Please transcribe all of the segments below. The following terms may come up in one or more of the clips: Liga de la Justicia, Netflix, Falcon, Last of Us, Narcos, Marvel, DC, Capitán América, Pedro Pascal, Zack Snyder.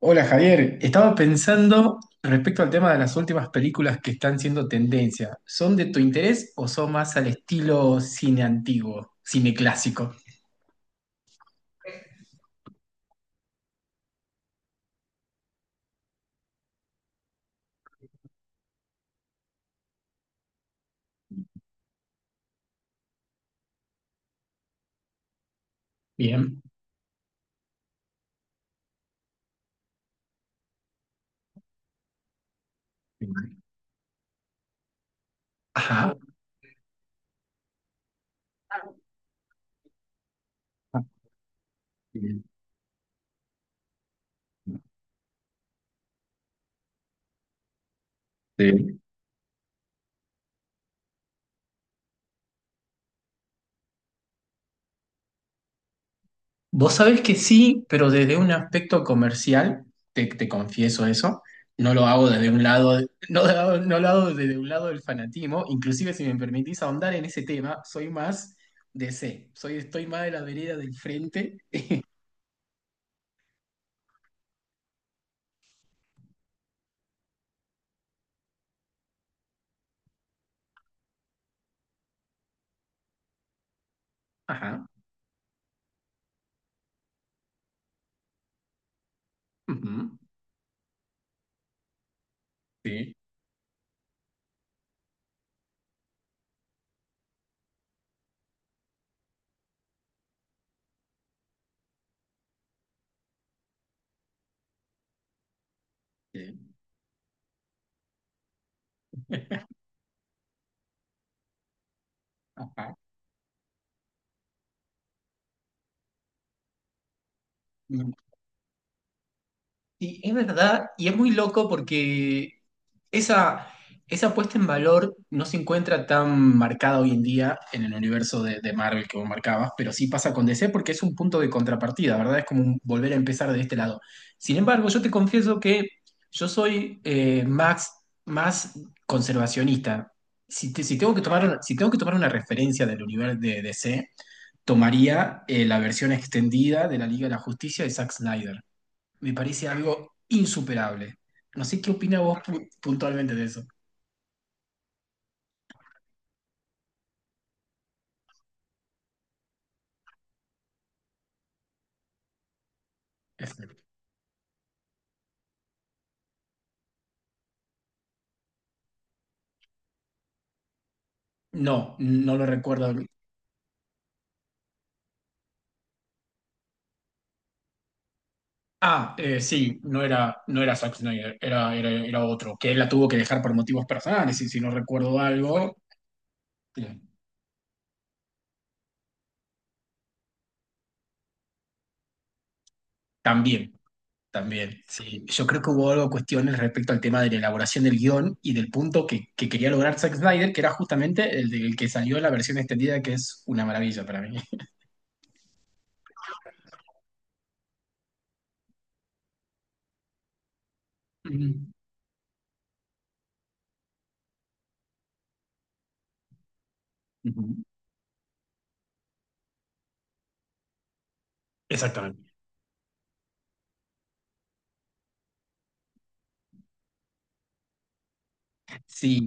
Hola Javier, estaba pensando respecto al tema de las últimas películas que están siendo tendencia. ¿Son de tu interés o son más al estilo cine antiguo, cine clásico? Bien. Ajá. Sí. Vos sabés que sí, pero desde un aspecto comercial, te confieso eso, no lo hago desde un lado, no, no lo hago desde un lado del fanatismo. Inclusive, si me permitís ahondar en ese tema, soy más DC, soy, estoy más de la vereda del frente. Ujú. Sí, sí. Ajá. Y es verdad, y es muy loco porque esa, esa puesta en valor no se encuentra tan marcada hoy en día en el universo de Marvel que vos marcabas, pero sí pasa con DC porque es un punto de contrapartida, ¿verdad? Es como un volver a empezar de este lado. Sin embargo, yo te confieso que yo soy más, más conservacionista. Si tengo que tomar, si tengo que tomar una referencia del universo de DC, tomaría la versión extendida de la Liga de la Justicia de Zack Snyder. Me parece algo insuperable. No sé qué opina vos puntualmente de eso. Este, no, no lo recuerdo. Ah, sí, no era, no era Zack Snyder, era, era, era otro, que él la tuvo que dejar por motivos personales, y si no recuerdo algo, eh, también. También, sí. Yo creo que hubo algo cuestiones respecto al tema de la elaboración del guión y del punto que quería lograr Zack Snyder, que era justamente el del que salió la versión extendida, que es una maravilla para mí. Ujú, ujú. Exactamente. Sí,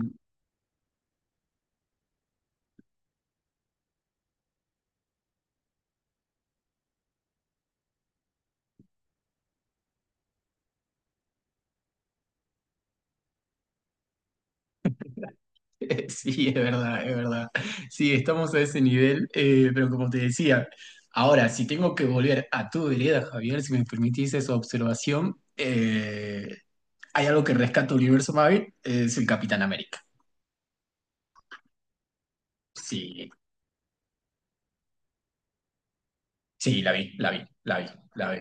sí, es verdad, es verdad. Sí, estamos a ese nivel, pero como te decía, ahora, si tengo que volver a tu vereda, Javier, si me permitís esa observación, hay algo que rescata el Universo Marvel, es el Capitán América. Sí. Sí, la vi, la vi, la vi, la vi.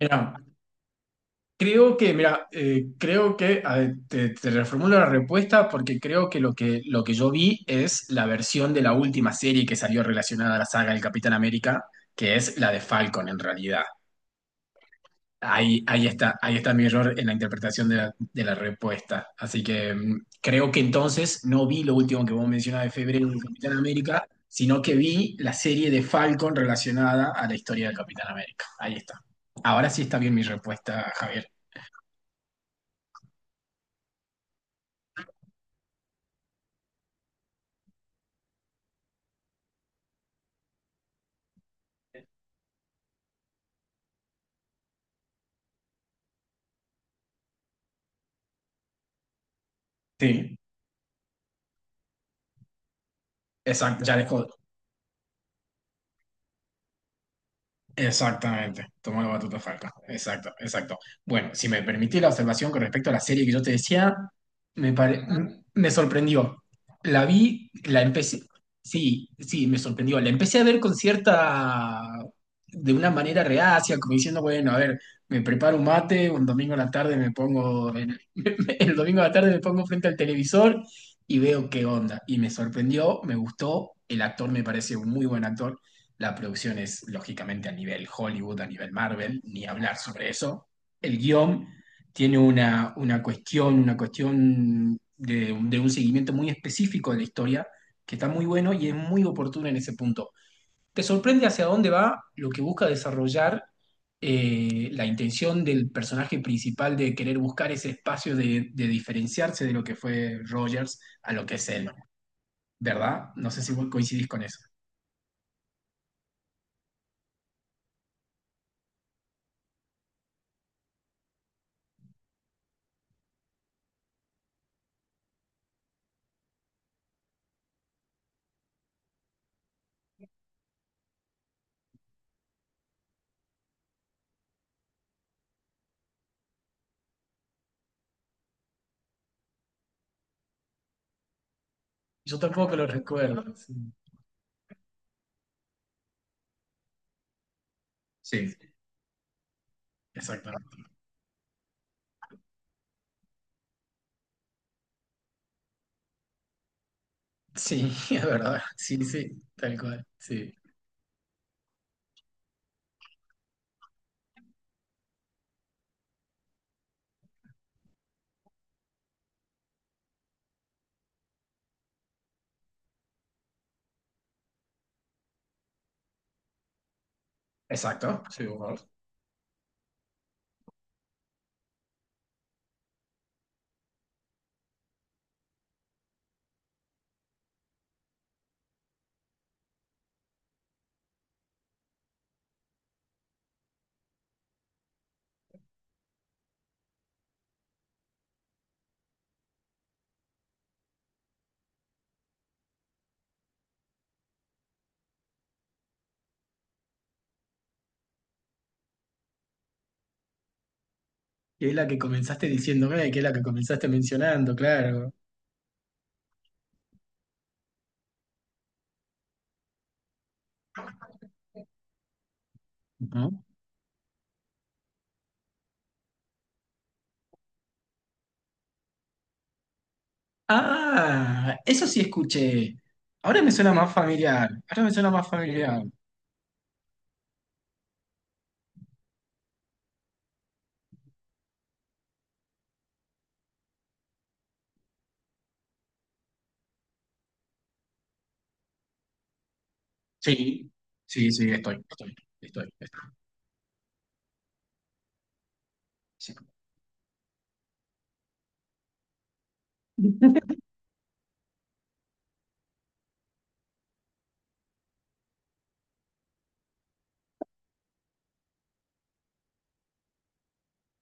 Mira, mira, creo que, a ver, te reformulo la respuesta porque creo que lo que, lo que yo vi es la versión de la última serie que salió relacionada a la saga del Capitán América, que es la de Falcon en realidad. Ahí, ahí está mi error en la interpretación de la respuesta. Así que creo que entonces no vi lo último que vos mencionabas de febrero del Capitán América, sino que vi la serie de Falcon relacionada a la historia del Capitán América. Ahí está. Ahora sí está bien mi respuesta, Javier. Sí, exacto, ya, dejó. Exactamente, tomó la batuta Falcao. Exacto, exacto. Bueno, si me permitís la observación con respecto a la serie que yo te decía, me sorprendió. La vi, la empecé, sí, sí, me sorprendió. La empecé a ver con cierta, de una manera reacia, como diciendo, bueno, a ver, me preparo un mate, un domingo a la tarde me pongo, el, el domingo a la tarde me pongo frente al televisor y veo qué onda. Y me sorprendió, me gustó, el actor me parece un muy buen actor. La producción es lógicamente a nivel Hollywood, a nivel Marvel, ni hablar sobre eso. El guión tiene una cuestión de un seguimiento muy específico de la historia, que está muy bueno y es muy oportuno en ese punto. Te sorprende hacia dónde va lo que busca desarrollar la intención del personaje principal de querer buscar ese espacio de diferenciarse de lo que fue Rogers a lo que es él, ¿verdad? No sé si vos coincidís con eso. Yo tampoco lo recuerdo. Sí. Sí, exactamente. Sí, es verdad. Sí, sí, tal cual. Sí, exacto. Sí, vos. Y es la que comenzaste diciéndome, que es la que comenzaste mencionando, claro. Ujú. Ah, eso sí escuché. Ahora me suena más familiar. Ahora me suena más familiar. Sí, sí, sí, estoy, estoy, estoy, estoy. Sí.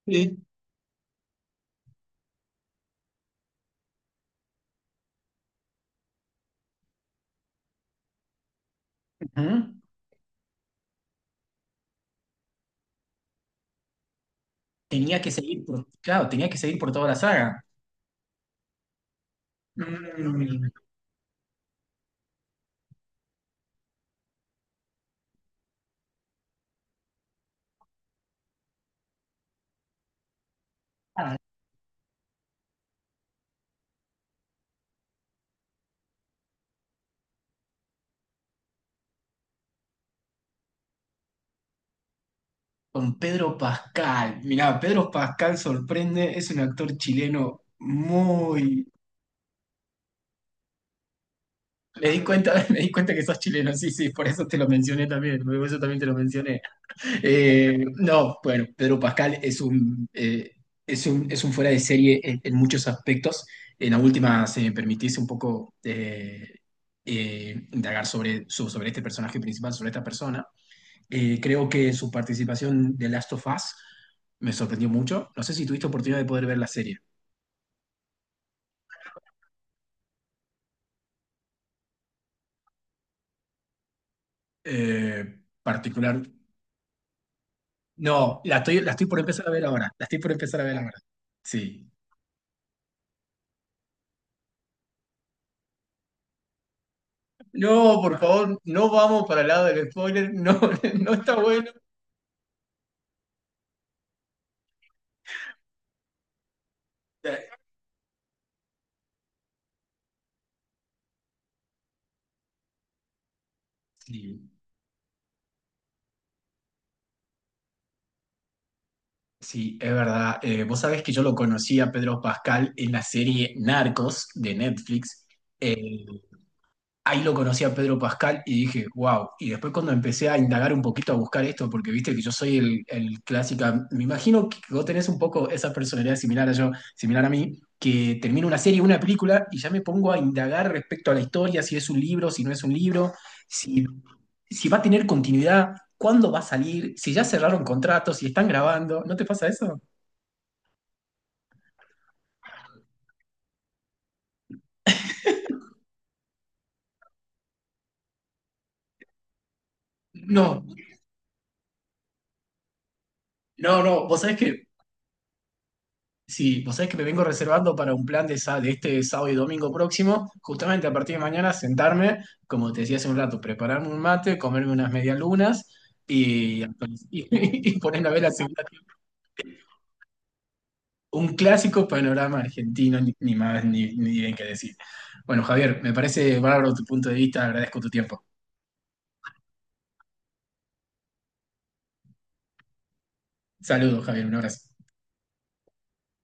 Sí. Ujú. Tenía que seguir por, claro, tenía que seguir por toda la saga. Mm. Con Pedro Pascal. Mirá, Pedro Pascal sorprende, es un actor chileno muy... Me di cuenta, me di cuenta que sos chileno, sí, sí, por eso te lo mencioné también, por eso también te lo mencioné. No, bueno, Pedro Pascal es un, es un, es un fuera de serie en muchos aspectos. En la última, se me permitís un poco indagar sobre, sobre este personaje principal, sobre esta persona. Creo que su participación de Last of Us me sorprendió mucho. No sé si tuviste oportunidad de poder ver la serie. Particular. No, la estoy por empezar a ver ahora. La estoy por empezar a ver ahora. Sí. No, por favor, no vamos para el lado del spoiler, no, no está bueno. Eh, sí, sí, es verdad. Vos sabés que yo lo conocí a Pedro Pascal en la serie Narcos de Netflix. eh, ahí lo conocí a Pedro Pascal y dije, wow. Y después cuando empecé a indagar un poquito, a buscar esto, porque viste que yo soy el clásica, me imagino que vos tenés un poco esa personalidad similar a yo, similar a mí, que termino una serie, una película y ya me pongo a indagar respecto a la historia, si es un libro, si no es un libro, si, si va a tener continuidad. ¿Cuándo va a salir? Si ya cerraron contratos, si están grabando, ¿no te pasa eso? No, no, no. Vos sabés que sí, vos sabés que me vengo reservando para un plan de, de este sábado y domingo próximo, justamente a partir de mañana sentarme, como te decía hace un rato, prepararme un mate, comerme unas medialunas y, y ponerme a ver la segunda- un clásico panorama argentino, ni, ni más ni, ni bien que decir. Bueno, Javier, me parece bárbaro tu punto de vista, agradezco tu tiempo. Saludos, Javier, un abrazo.